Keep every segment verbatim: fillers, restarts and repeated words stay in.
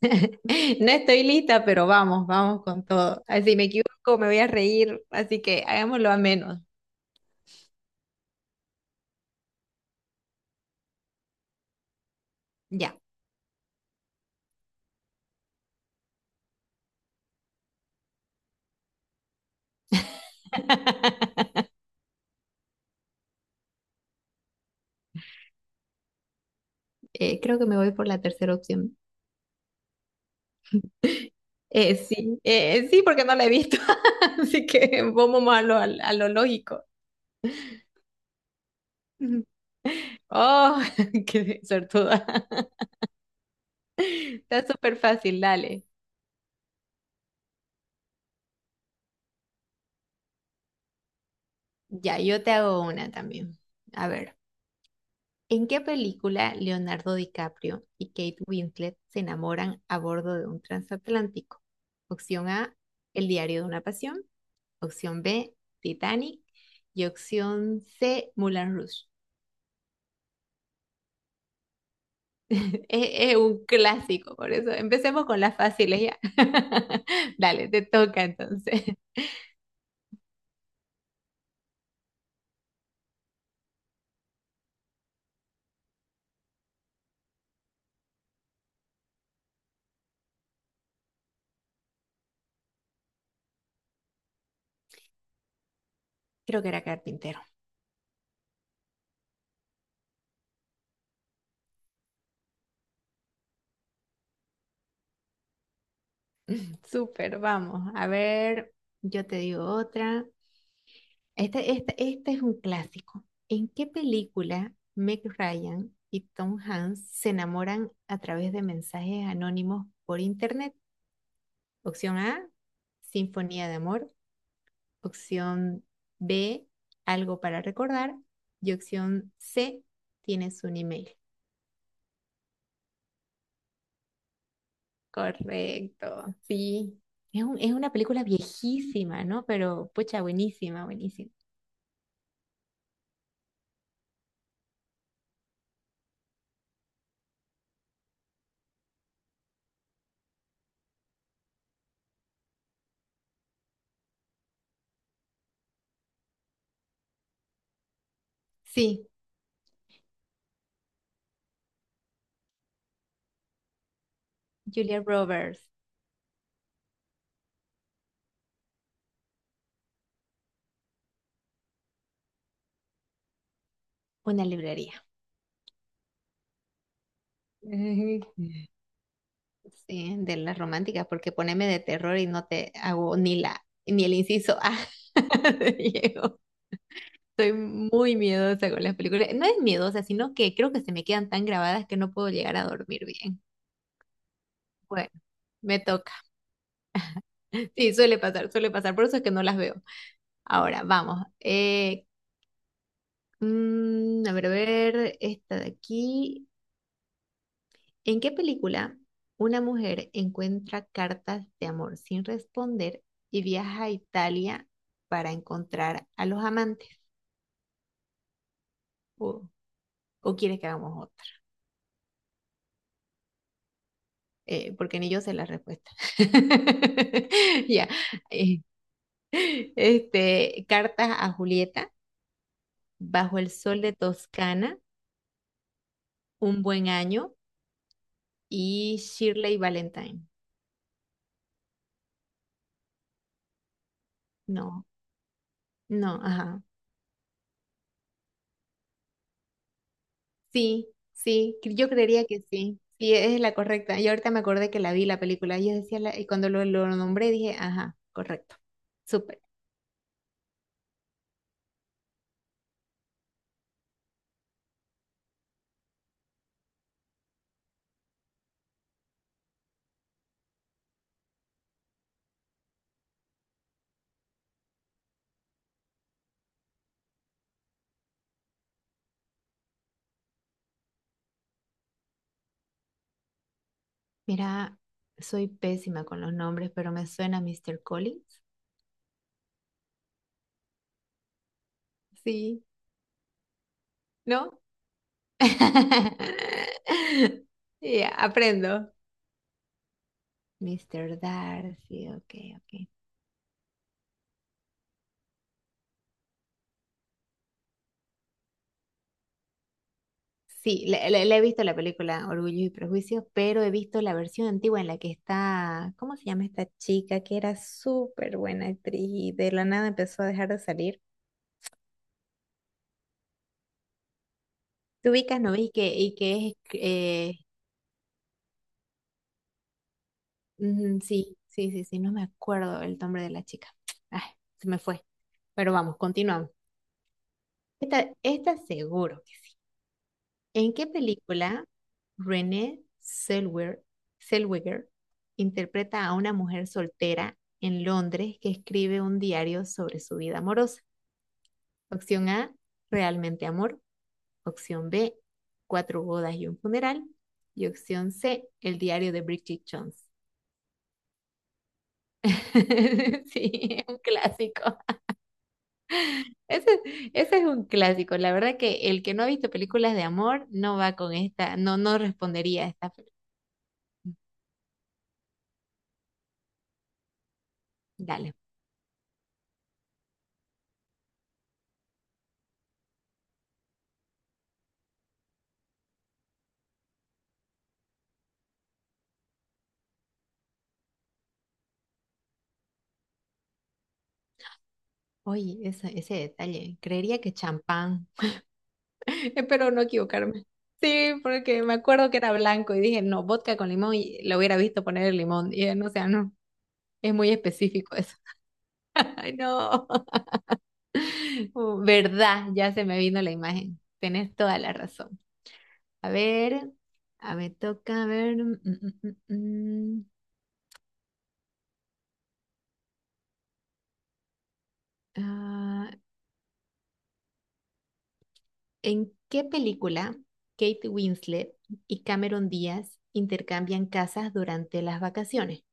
No estoy lista, pero vamos, vamos con todo. Ah, Si me equivoco, me voy a reír, así que hagámoslo a menos. Ya. Eh, creo que me voy por la tercera opción. Eh, sí, eh, sí, porque no la he visto. Así que vamos a lo, a lo lógico. Ujú. Oh, qué sortuda. Está súper fácil, dale. Ya, yo te hago una también. A ver. ¿En qué película Leonardo DiCaprio y Kate Winslet se enamoran a bordo de un transatlántico? Opción A, El diario de una pasión. Opción B, Titanic. Y opción C, Moulin Rouge. Es, es un clásico, por eso empecemos con las fáciles ya. Dale, te toca entonces. Creo que era carpintero. Súper, vamos. A ver, yo te digo otra. Este, este, este es un clásico. ¿En qué película Meg Ryan y Tom Hanks se enamoran a través de mensajes anónimos por internet? Opción A, Sinfonía de Amor. Opción B, Algo para recordar. Y opción C, Tienes un email. Correcto, sí. Es un- es una película viejísima, ¿no? Pero, pucha, buenísima, buenísima. Sí, Julia Roberts. Una librería. Ujú. Sí, de las románticas, porque poneme de terror y no te hago ni la, ni el inciso A de Diego. Soy muy miedosa con las películas. No es miedosa, sino que creo que se me quedan tan grabadas que no puedo llegar a dormir bien. Bueno, me toca. Sí, suele pasar, suele pasar. Por eso es que no las veo. Ahora, vamos. Eh, mm, a ver, a ver, esta de aquí. ¿En qué película una mujer encuentra cartas de amor sin responder y viaja a Italia para encontrar a los amantes? ¿O, o quieres que hagamos otra? Eh, porque ni yo sé la respuesta. Ya. eh, este, cartas a Julieta, Bajo el sol de Toscana, Un buen año y Shirley Valentine. No, no, ajá. Sí, sí, cre- yo creería que sí. Sí, es la correcta. Y ahorita me acordé que la vi la película. Y yo decía, la- y cuando lo, lo nombré dije, ajá, correcto. Súper. Mira, soy pésima con los nombres, pero me suena mister Collins. Sí, ¿no? Ya, aprendo. mister Darcy, ok, ok. Sí, le, le- le he visto la película Orgullo y Prejuicios, pero he visto la versión antigua en la que está, ¿cómo se llama esta chica que era súper buena actriz y de la nada empezó a dejar de salir? ¿Te ubicas, no ves? Y que, y que es, eh, mm, sí, sí, sí, sí, no me acuerdo el nombre de la chica. Ay, se me fue. Pero vamos, continuamos. Esta, esta seguro. ¿En qué película Renée Zellweger, Zellweger interpreta a una mujer soltera en Londres que escribe un diario sobre su vida amorosa? Opción A, Realmente Amor. Opción B, Cuatro bodas y un funeral. Y opción C, El diario de Bridget Jones. Sí, un clásico. Ese, ese es un clásico. La verdad que el que no ha visto películas de amor no va con esta, no, no respondería a esta. Dale. Oye, esa- ese detalle. Creería que champán. Espero no equivocarme. Sí, porque me acuerdo que era blanco y dije, no, vodka con limón y lo hubiera visto poner el limón. Y eh, no, o sea, no. Es muy específico eso. Ay, no. Oh, ¿verdad? Ya se me vino la imagen. Tienes toda la razón. A ver, a ver, toca a ver. mm, mm, mm, mm, mm. Ah, ¿En qué película Kate Winslet y Cameron Díaz intercambian casas durante las vacaciones?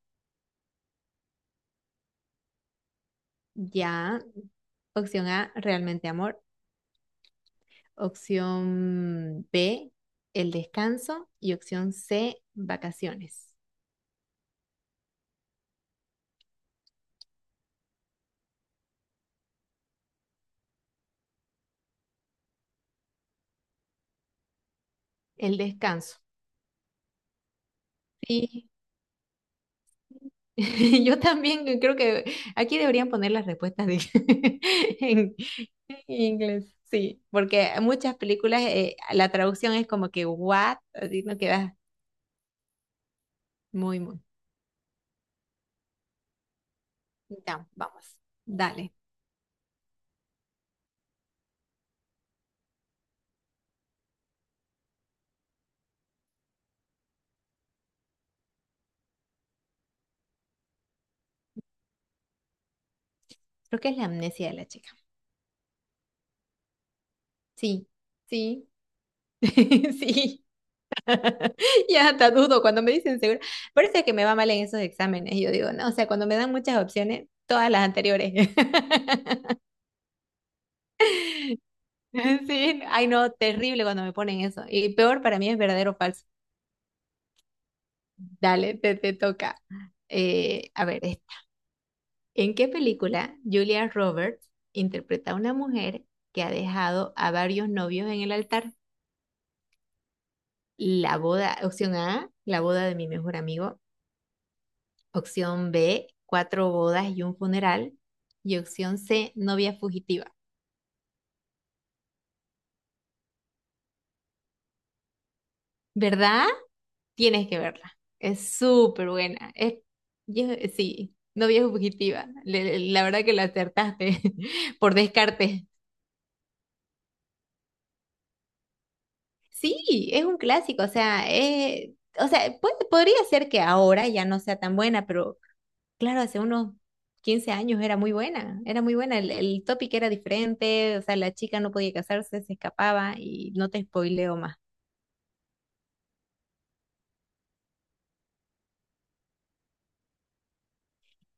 Ya, opción A, realmente amor. Opción B, el descanso. Y opción C, vacaciones. El descanso. Sí, yo también creo que aquí deberían poner las respuestas de- en, en inglés. Sí, porque muchas películas eh, la traducción es como que what, así no queda muy, muy. Ya, vamos, dale. Creo que es la amnesia de la chica. Sí, sí, sí. Ya hasta dudo cuando me dicen seguro. Parece que me va mal en esos exámenes. Yo digo, no, o sea, cuando me dan muchas opciones, todas las anteriores. Sí, ay no, terrible cuando me ponen eso. Y peor para mí es verdadero o falso. Dale, te, te toca. Eh, a ver, esta. ¿En qué película Julia Roberts interpreta a una mujer que ha dejado a varios novios en el altar? La boda, opción A, la boda de mi mejor amigo. Opción B, cuatro bodas y un funeral. Y opción C, novia fugitiva. ¿Verdad? Tienes que verla. Es súper buena. Es, yo- sí, novia fugitiva. Le- la verdad que la acertaste por descarte. Sí, es un clásico. O sea, eh, o sea, puede- podría ser que ahora ya no sea tan buena, pero claro, hace unos quince años era muy buena. Era muy buena. El, el topic era diferente. O sea, la chica no podía casarse, se escapaba y no te spoileo.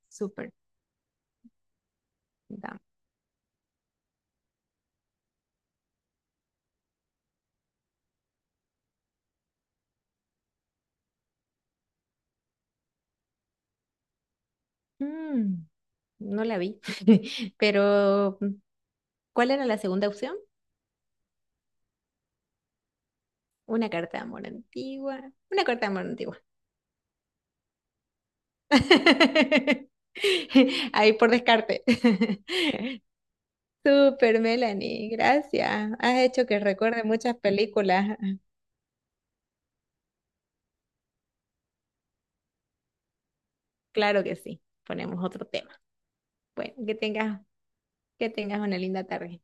Super. Dam. Mm, no la vi. Pero, ¿cuál era la segunda opción? Una carta de amor antigua. Una carta de amor antigua. Ahí por descarte. Super Melanie, gracias. Has hecho que recuerde muchas películas. Claro que sí. Ponemos otro tema. Bueno, que tengas, que tengas una linda tarde.